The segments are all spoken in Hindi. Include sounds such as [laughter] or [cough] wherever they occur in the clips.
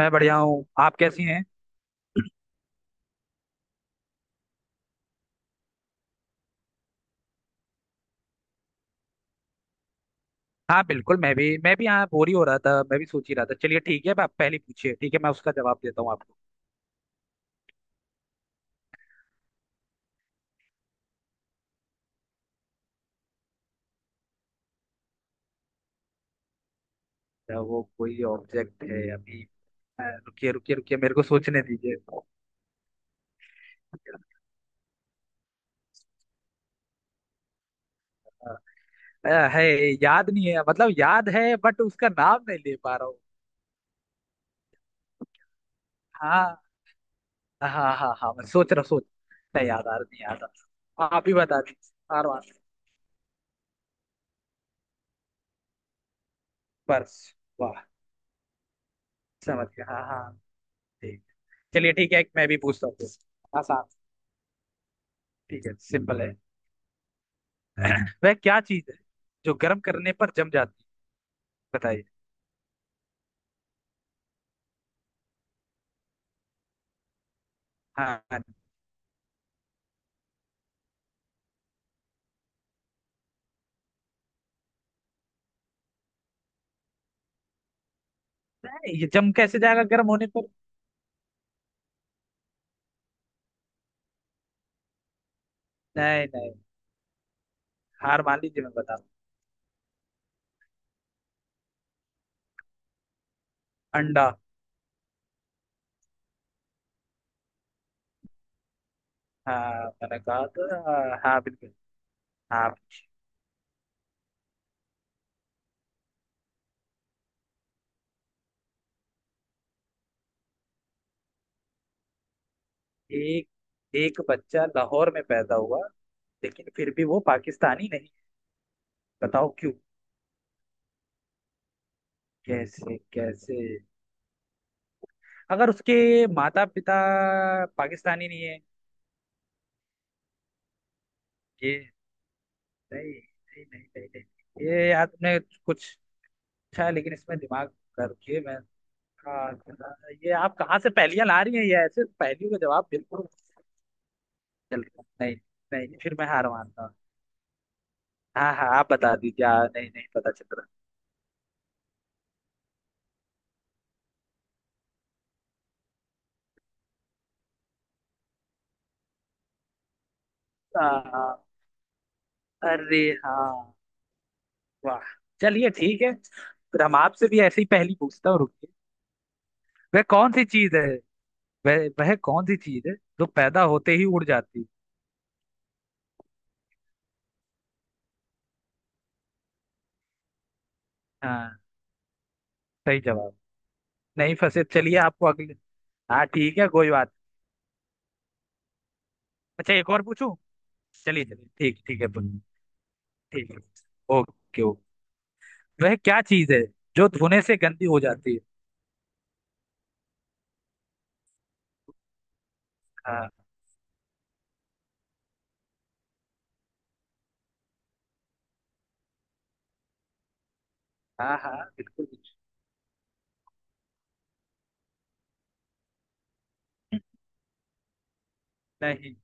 मैं बढ़िया हूँ। आप कैसी हैं? हाँ बिल्कुल, मैं भी यहाँ बोर ही हो रहा था, मैं भी सोच ही रहा था। चलिए ठीक है, अब आप पहले पूछिए, ठीक है? मैं उसका जवाब देता हूँ आपको। क्या वो कोई ऑब्जेक्ट है अभी? रुकिए रुकिए रुकिए, मेरे को सोचने दीजिए। है। याद नहीं है, मतलब याद है बट उसका नाम नहीं ले पा रहा हूँ। हाँ हाँ हाँ, मैं सोच रहा, सोच। नहीं याद आ रहा, नहीं याद आ रहा, आप ही बता दीजिए आर पर्स? वाह! समझ गया, हाँ हाँ। ठीक। चलिए ठीक है, एक मैं भी पूछता हूँ। आसान। ठीक है, सिंपल है। [clears throat] वह क्या चीज है जो गर्म करने पर जम जाती है? बताइए। हाँ हाँ। नहीं, ये जम कैसे जाएगा गर्म होने पर? नहीं नहीं। हार मान लीजिए, मैं बता रहा हूँ। अंडा। हाँ मैंने कहा तो, हाँ हाँ, बिल्कुल। हाँ। एक, एक बच्चा लाहौर में पैदा हुआ लेकिन फिर भी वो पाकिस्तानी नहीं। बताओ क्यों? कैसे कैसे। अगर उसके माता पिता पाकिस्तानी नहीं है। ये। नहीं नहीं नहीं नहीं, नहीं। ये यार, तुमने कुछ अच्छा है लेकिन इसमें दिमाग कर के मैं। हाँ, ये आप कहाँ से पहेलियां ला रही हैं? ये ऐसे पहेलियों का जवाब बिल्कुल चल रहा। नहीं। नहीं फिर मैं हार मानता हूँ। हाँ हाँ आप बता दीजिए। हाँ, नहीं नहीं पता चल रहा। हाँ, अरे हाँ! वाह! चलिए ठीक है, फिर हम आपसे भी ऐसी पहेली पूछता हूँ, रुकिए। वह कौन सी चीज है, वह कौन सी चीज है जो पैदा होते ही उड़ जाती है? हाँ, सही जवाब! नहीं फंसे, चलिए आपको अगले। हाँ ठीक है, कोई बात। अच्छा एक और पूछूं? चलिए चलिए, ठीक ठीक है। ठीक है। Okay okay. वह क्या चीज है जो धोने से गंदी हो जाती है? हाँ हाँ हाँ बिल्कुल भी। नहीं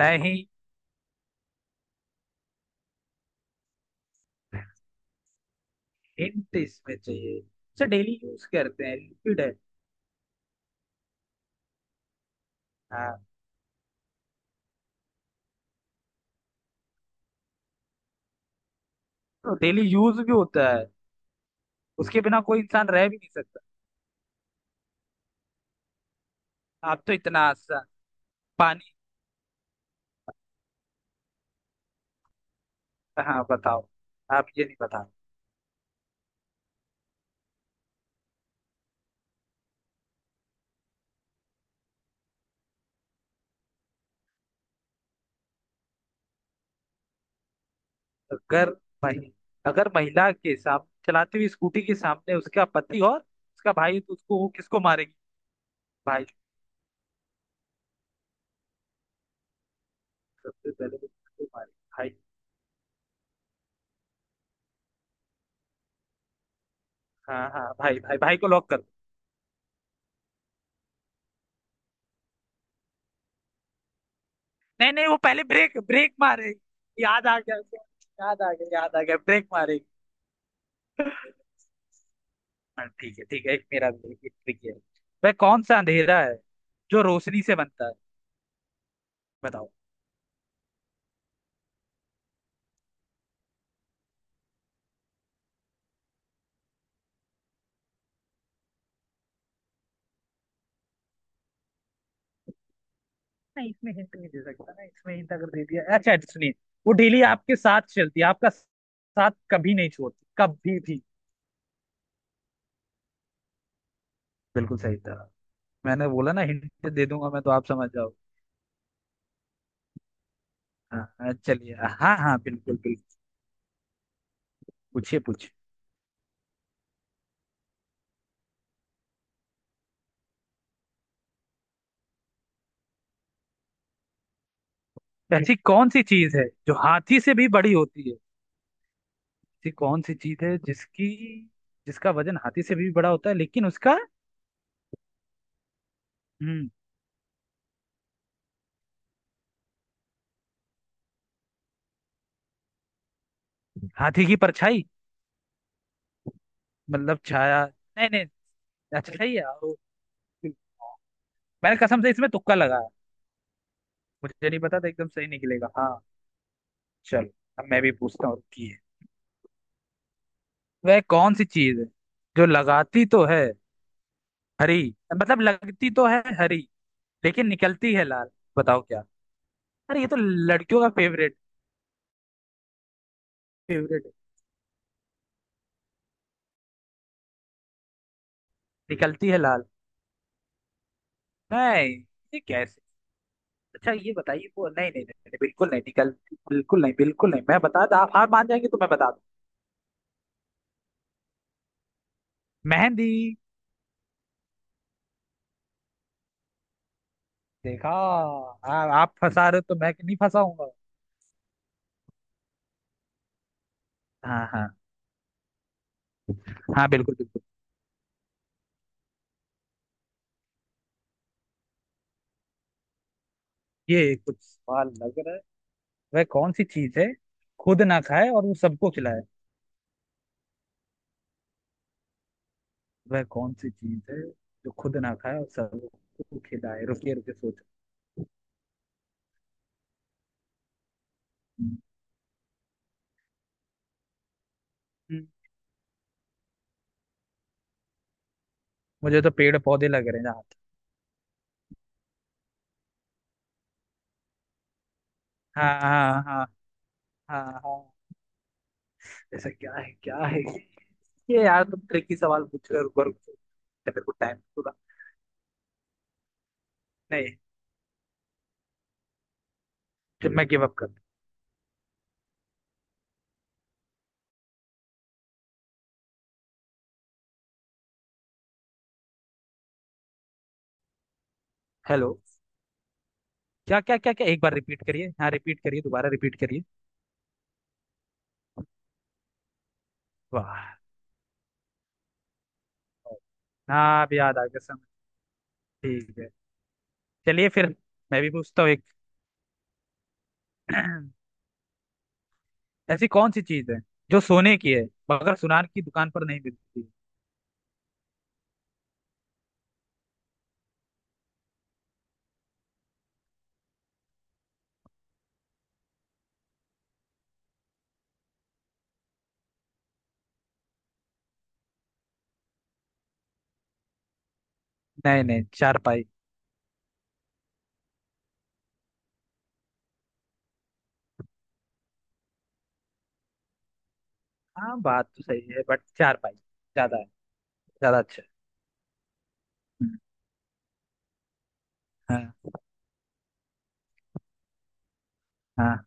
नहीं। हिंट इसमें चाहिए? उसे डेली यूज करते हैं, लिक्विड है। हाँ। तो डेली यूज भी होता है, उसके बिना कोई इंसान रह भी नहीं सकता। आप तो इतना आसान। पानी। हाँ बताओ। आप ये नहीं बता। अगर महि, अगर महिला के सामने चलाती हुई स्कूटी के सामने उसका पति और उसका भाई, तो उसको वो किसको मारेगी? भाई। सबसे पहले वो किसको मारेगी? भाई। हाँ हाँ, भाई भाई भाई को लॉक कर। नहीं नहीं, वो पहले ब्रेक ब्रेक मारेगी, याद आ गया उसे, याद आ गया, याद आ गया, ब्रेक मारेगी। हाँ, ठीक है ठीक है, एक मेरा भी है, एक ट्रिक है। वह कौन सा अंधेरा है जो रोशनी से बनता है? बताओ। नहीं इसमें हिंट नहीं दे सकता ना, इसमें हिंट अगर दे दिया। अच्छा सुनिए, वो डेली आपके साथ चलती है, आपका साथ कभी नहीं छोड़ती, कभी भी। बिल्कुल सही था! मैंने बोला ना हिंट दे दूंगा मैं तो आप समझ जाओ। हाँ हाँ, चलिए। हाँ हाँ, बिल्कुल बिल्कुल। पूछिए पूछिए। ऐसी कौन सी चीज है जो हाथी से भी बड़ी होती है, ऐसी कौन सी चीज है जिसकी, जिसका वजन हाथी से भी बड़ा होता है लेकिन उसका। हम्म हाथी की परछाई। मतलब छाया। नहीं नहीं। अच्छा, सही है वो। मैंने कसम से इसमें तुक्का लगाया, मुझे नहीं पता था एकदम सही निकलेगा, हाँ। चलो अब मैं भी पूछता हूँ, की है। वह कौन सी चीज है जो लगाती तो है हरी, मतलब लगती तो है हरी लेकिन निकलती है लाल? बताओ क्या। अरे ये तो लड़कियों का फेवरेट, फेवरेट है। निकलती है लाल। नहीं। ये कैसे? अच्छा ये बताइए वो, नहीं नहीं नहीं नहीं, बिल्कुल नहीं निकल, बिल्कुल नहीं बिल्कुल नहीं। मैं बता दूं, आप हार मान जाएंगे तो मैं बता दूं। मेहंदी। देखा! आ, आप फंसा रहे हो तो मैं नहीं फंसाऊंगा। हाँ हाँ, हाँ बिल्कुल बिल्कुल। ये कुछ सवाल लग रहा है। वह कौन सी चीज है खुद ना खाए और वो सबको खिलाए, वह कौन सी चीज है जो खुद ना खाए और सबको खिलाए? रुकिए रुकिए, सोचो। हम्म, मुझे तो पेड़ पौधे लग रहे हैं यहाँ। हाँ हाँ हाँ। हाँ हाँ। ऐसा क्या है, क्या है? ये यार, तुम ट्रिकी सवाल पूछ रहे हो, रुको रुको रुको। मेरे को टाइम पूरा। नहीं। जब मैं गिव अप कर। हेलो? क्या क्या क्या क्या, एक बार रिपीट करिए, हाँ रिपीट करिए, दोबारा रिपीट करिए। वाह! हाँ अब याद आ गया, समझ। ठीक है। चलिए फिर मैं भी पूछता हूँ एक। [clears throat] ऐसी कौन सी चीज है जो सोने की है मगर सुनार की दुकान पर नहीं मिलती? नहीं नहीं, चार पाई। हाँ बात तो सही है बट चार पाई ज्यादा है, ज्यादा अच्छा है। हम्म। हाँ हाँ,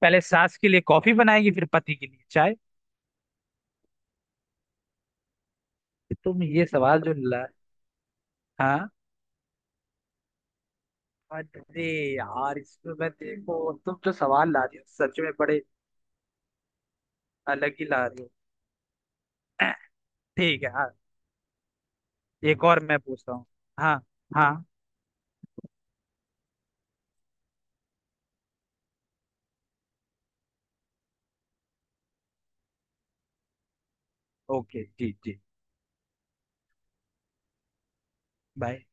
पहले सास के लिए कॉफी बनाएगी फिर पति के लिए चाय। तो तुम ये सवाल जो ला। हाँ। अरे यार इसमें मैं, देखो तुम जो सवाल ला रही हो सच में बड़े अलग ही ला रही हो। [clears throat] ठीक है हाँ। एक और मैं पूछता हूँ। हाँ हाँ। ओके जी जी। बाय।